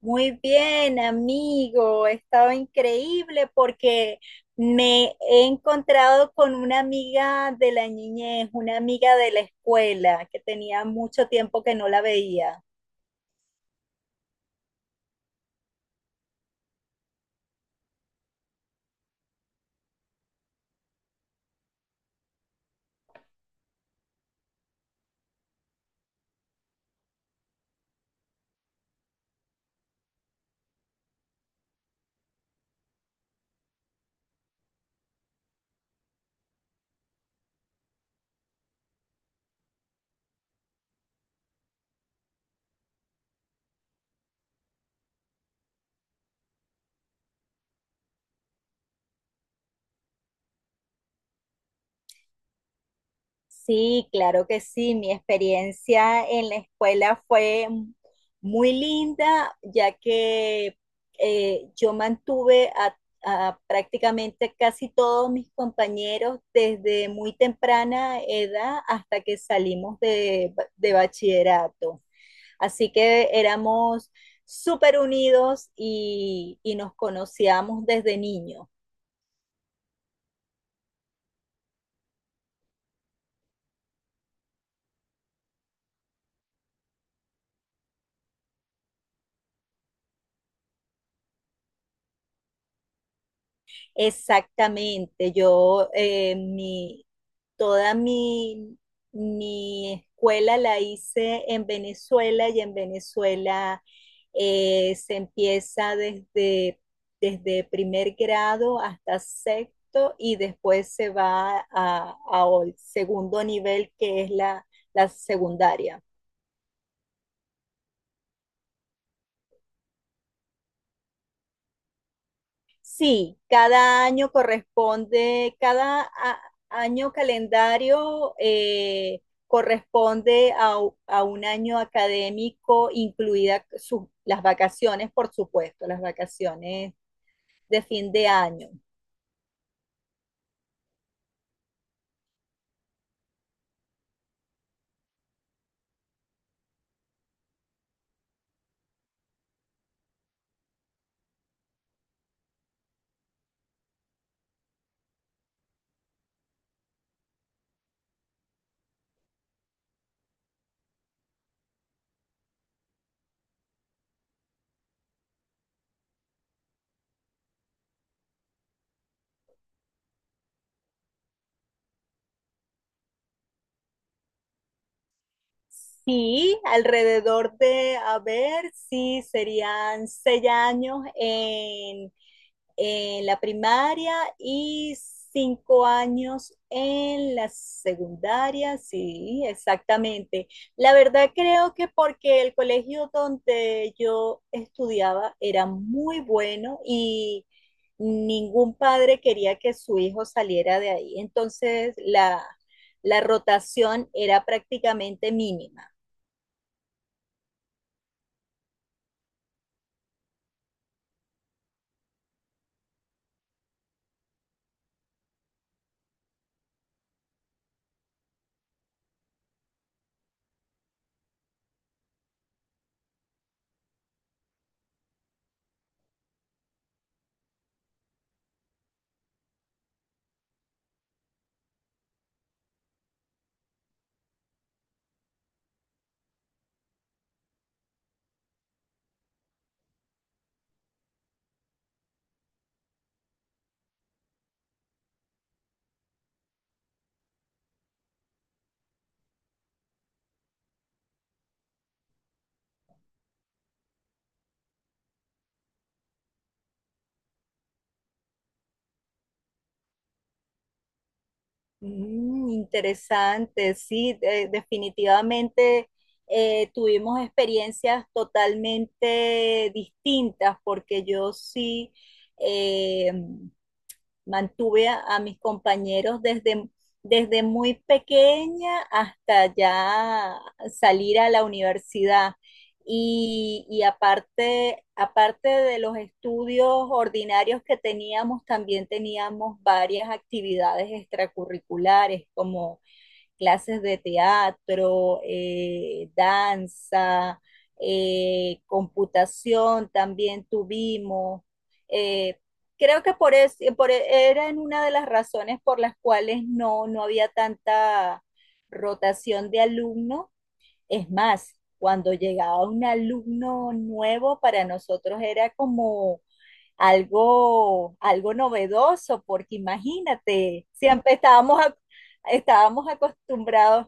Muy bien, amigo. He estado increíble porque me he encontrado con una amiga de la niñez, una amiga de la escuela que tenía mucho tiempo que no la veía. Sí, claro que sí. Mi experiencia en la escuela fue muy linda, ya que yo a prácticamente casi todos mis compañeros desde muy temprana edad hasta que salimos de bachillerato. Así que éramos súper unidos y nos conocíamos desde niños. Exactamente, toda mi escuela la hice en Venezuela y en Venezuela se empieza desde primer grado hasta sexto y después se va a segundo nivel que es la secundaria. Sí, cada año año calendario corresponde a un año académico, incluidas las vacaciones, por supuesto, las vacaciones de fin de año. Sí, alrededor de, a ver, sí, serían 6 años en la primaria y 5 años en la secundaria, sí, exactamente. La verdad creo que porque el colegio donde yo estudiaba era muy bueno y ningún padre quería que su hijo saliera de ahí. Entonces, la rotación era prácticamente mínima. Mm, interesante, sí, definitivamente tuvimos experiencias totalmente distintas porque yo sí, eh, mantuve a mis compañeros desde muy pequeña hasta ya salir a la universidad. Y aparte, aparte de los estudios ordinarios que teníamos, también teníamos varias actividades extracurriculares como clases de teatro, danza, computación también tuvimos. Eh, creo que era una de las razones por las cuales no había tanta rotación de alumnos. Es más, cuando llegaba un alumno nuevo, para nosotros era como algo novedoso, porque imagínate, siempre estábamos acostumbrados.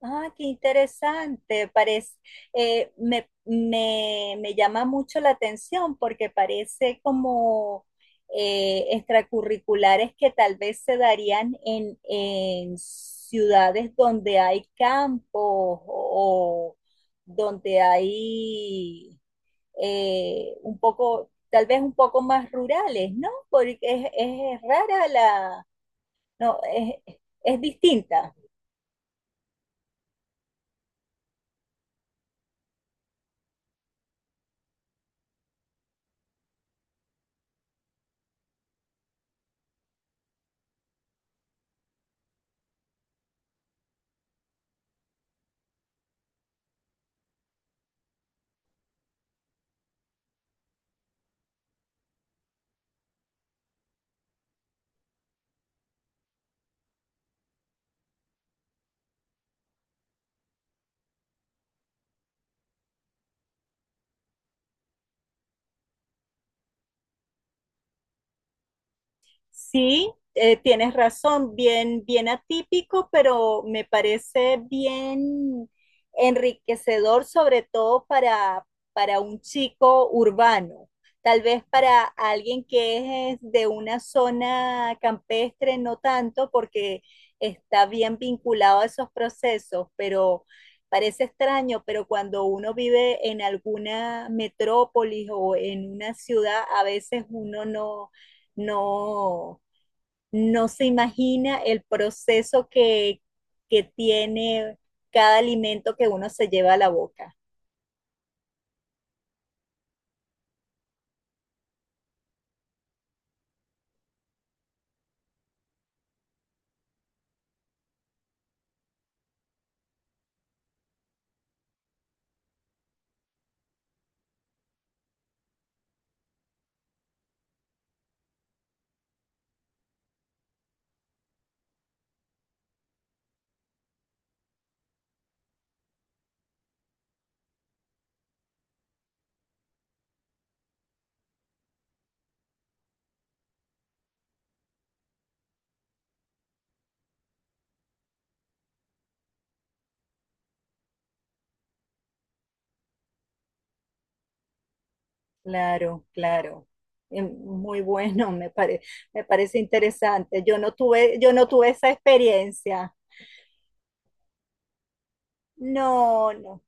Ah, qué interesante. Me llama mucho la atención porque parece como extracurriculares que tal vez se darían en ciudades donde hay campos o donde hay un poco, tal vez un poco más rurales, ¿no? Porque es rara la, no, es distinta. Sí, tienes razón, bien, bien atípico, pero me parece bien enriquecedor, sobre para un chico urbano. Tal vez para alguien que es de una zona campestre, no tanto, porque está bien vinculado a esos procesos, pero parece extraño, pero cuando uno vive en alguna metrópolis o en una ciudad, a veces uno no, no, no se imagina el proceso que tiene cada alimento que uno se lleva a la boca. Claro, claro. Muy bueno, me parece interesante. Yo no tuve esa experiencia. No, no.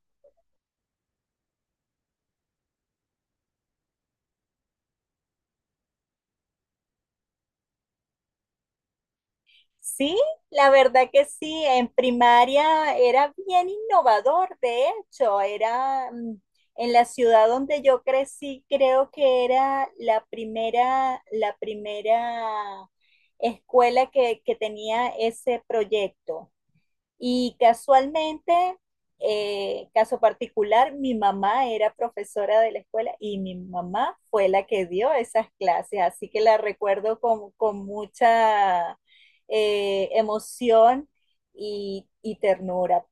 Sí, la verdad que sí, en primaria era bien innovador, de hecho, era mm, en la ciudad donde yo crecí, creo que era la primera escuela que tenía ese proyecto. Y casualmente, caso particular, mi mamá era profesora de la escuela y mi mamá fue la que dio esas clases, así que la recuerdo con mucha emoción y ternura.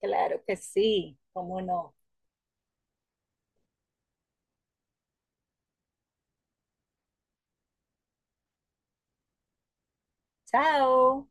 Claro que sí, cómo no. Chao.